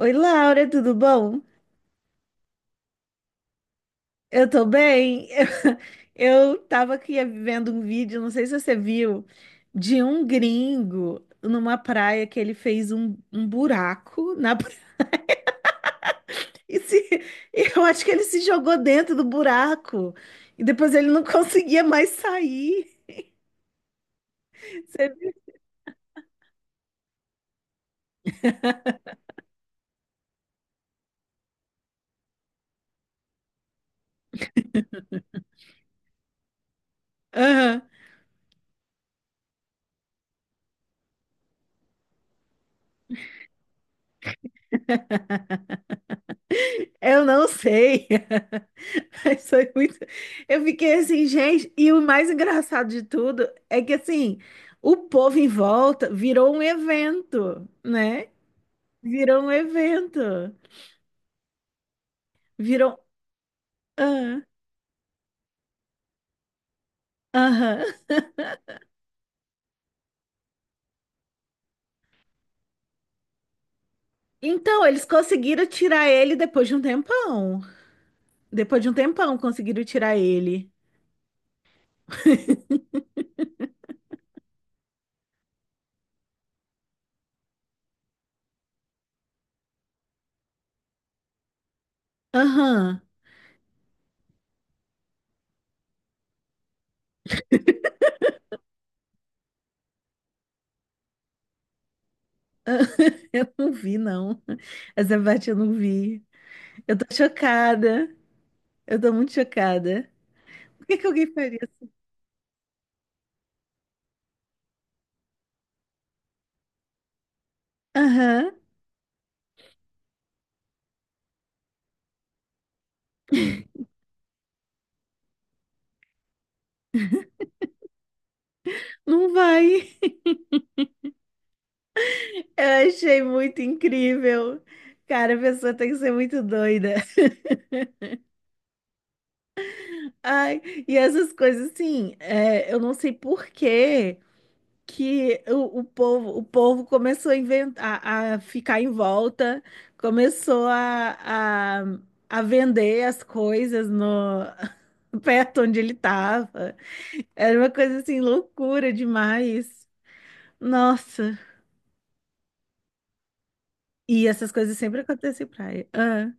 Oi, Laura, tudo bom? Eu tô bem. Eu tava aqui vendo um vídeo, não sei se você viu, de um gringo numa praia que ele fez um buraco na praia. E se- E eu acho que ele se jogou dentro do buraco e depois ele não conseguia mais sair. Você- Aham. Eu não sei. Isso foi muito. Eu fiquei assim, gente, e o mais engraçado de tudo é que assim, o povo em volta virou um evento, né? Virou um evento. Virou. Ah, aham. Então, eles conseguiram tirar ele depois de um tempão. Depois de um tempão, conseguiram tirar ele. Aham. Eu não vi, não. Essa parte eu não vi. Eu tô chocada. Eu tô muito chocada. Por que que alguém faria isso? Aham. Não vai. Eu achei muito incrível. Cara, a pessoa tem que ser muito doida. Ai, e essas coisas assim, eu não sei por que que o povo, o povo começou a inventar, a ficar em volta, começou a vender as coisas no perto onde ele estava. Era uma coisa assim, loucura demais. Nossa. E essas coisas sempre acontecem em praia. Ah,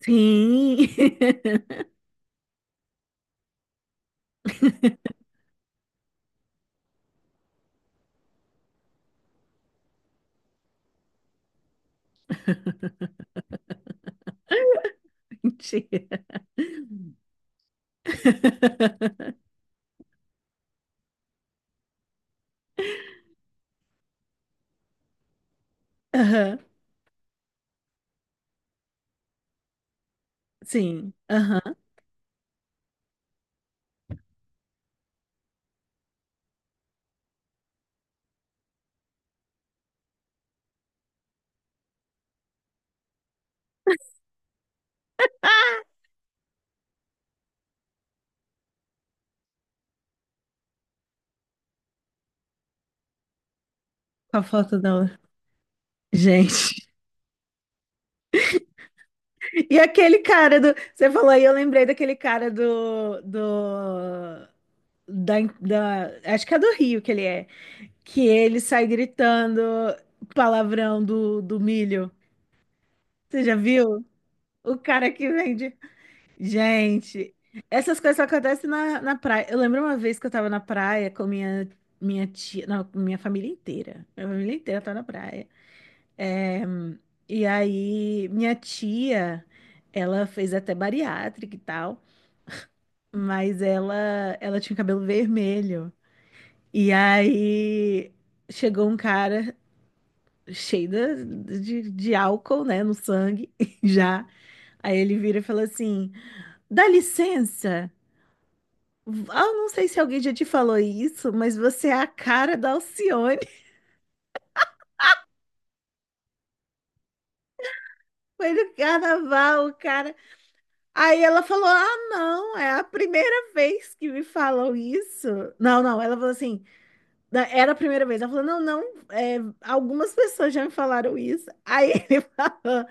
sim. Mentira. Aham, sim, aham, com a foto da outra. Gente, e aquele cara do. Você falou aí, eu lembrei daquele cara do. Do acho que é do Rio que ele é. Que ele sai gritando palavrão do milho. Você já viu? O cara que vende. Gente, essas coisas só acontecem na, na praia. Eu lembro uma vez que eu tava na praia com minha tia. Não, minha família inteira. Minha família inteira tá na praia. É, e aí, minha tia, ela fez até bariátrica e tal, mas ela tinha o cabelo vermelho. E aí, chegou um cara cheio de álcool, né, no sangue, já. Aí ele vira e fala assim: dá licença. Ah, eu não sei se alguém já te falou isso, mas você é a cara da Alcione. Foi no carnaval, o cara. Aí ela falou: "Ah, não, é a primeira vez que me falam isso." Não, não, ela falou assim: "Era a primeira vez." Ela falou: "Não, não, é, algumas pessoas já me falaram isso." Aí ele falou: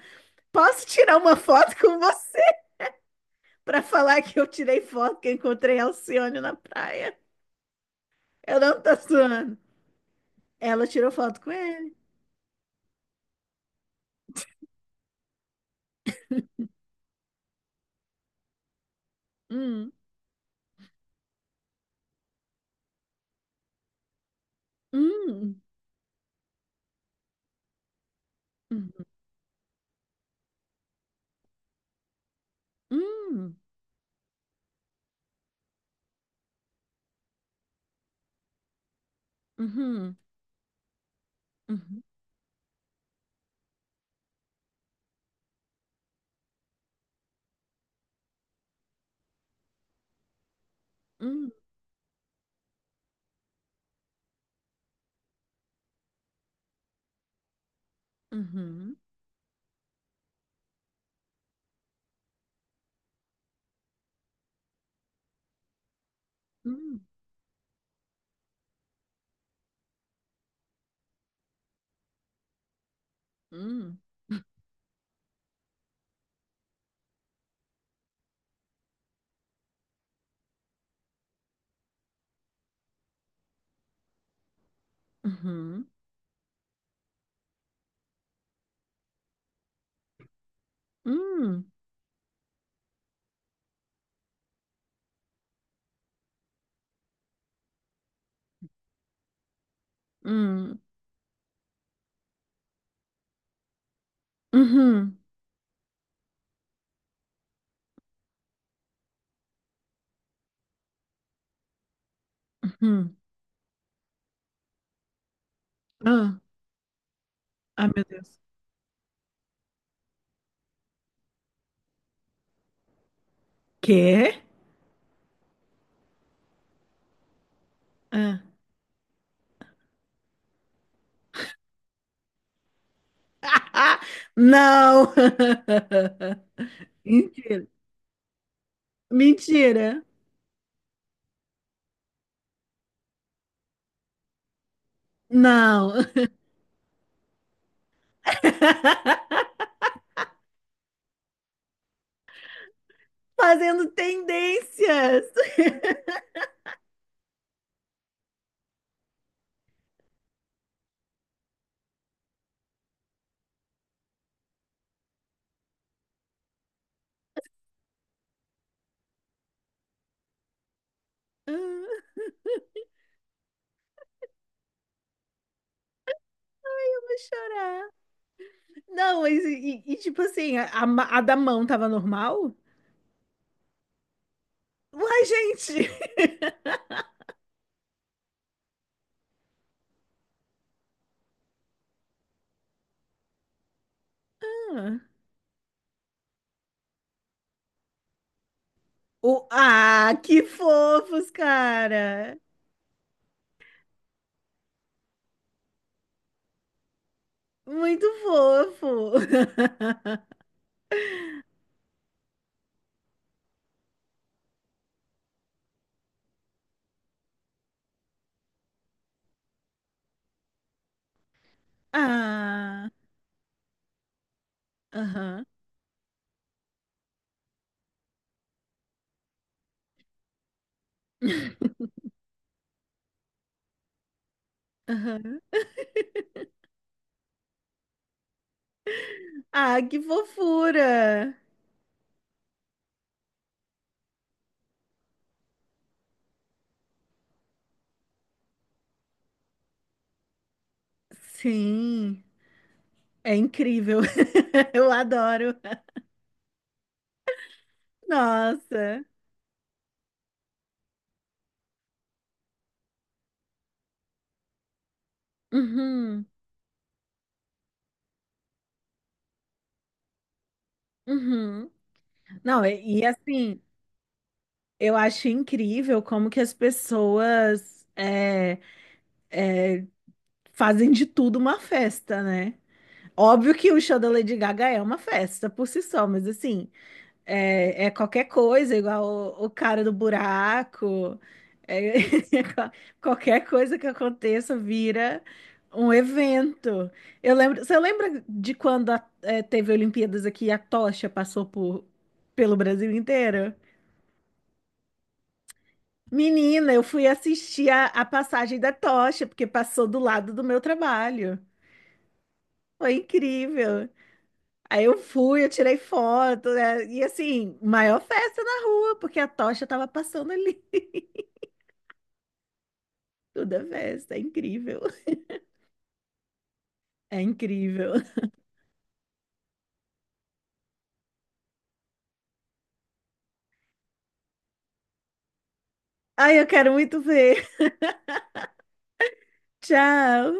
"Posso tirar uma foto com você para falar que eu tirei foto que eu encontrei a Alcione na praia?" Eu não tô zoando. Ela tirou foto com ele. Hum, hum, hum, hum, uhum, uhum, hum, uhum, hum, hum, uhum, hum. Hum, uhum, uhum. Ah, ai, meu Deus. Quê? Ah. Não! Mentira. Mentira. Não. Fazendo tendências. Ah, eu vou chorar. Não, mas tipo assim, a da mão tava normal? Uai, gente! Ah, ah, que fofos, cara! Muito fofo. Ah, aham, aham. Ah, que fofura. Sim, é incrível. Eu adoro. Nossa. Uhum, uhum. Não, e assim, eu acho incrível como que as pessoas é, fazem de tudo uma festa, né? Óbvio que o show da Lady Gaga é uma festa por si só, mas assim, é, é qualquer coisa, igual o cara do buraco. É, qualquer coisa que aconteça vira um evento. Eu lembro, você lembra de quando teve Olimpíadas aqui e a tocha passou por, pelo Brasil inteiro? Menina, eu fui assistir a passagem da tocha, porque passou do lado do meu trabalho. Foi incrível. Aí eu fui, eu tirei foto, né? E assim, maior festa na rua, porque a tocha tava passando ali. Toda festa, é incrível. É incrível. Ai, eu quero muito ver. Tchau.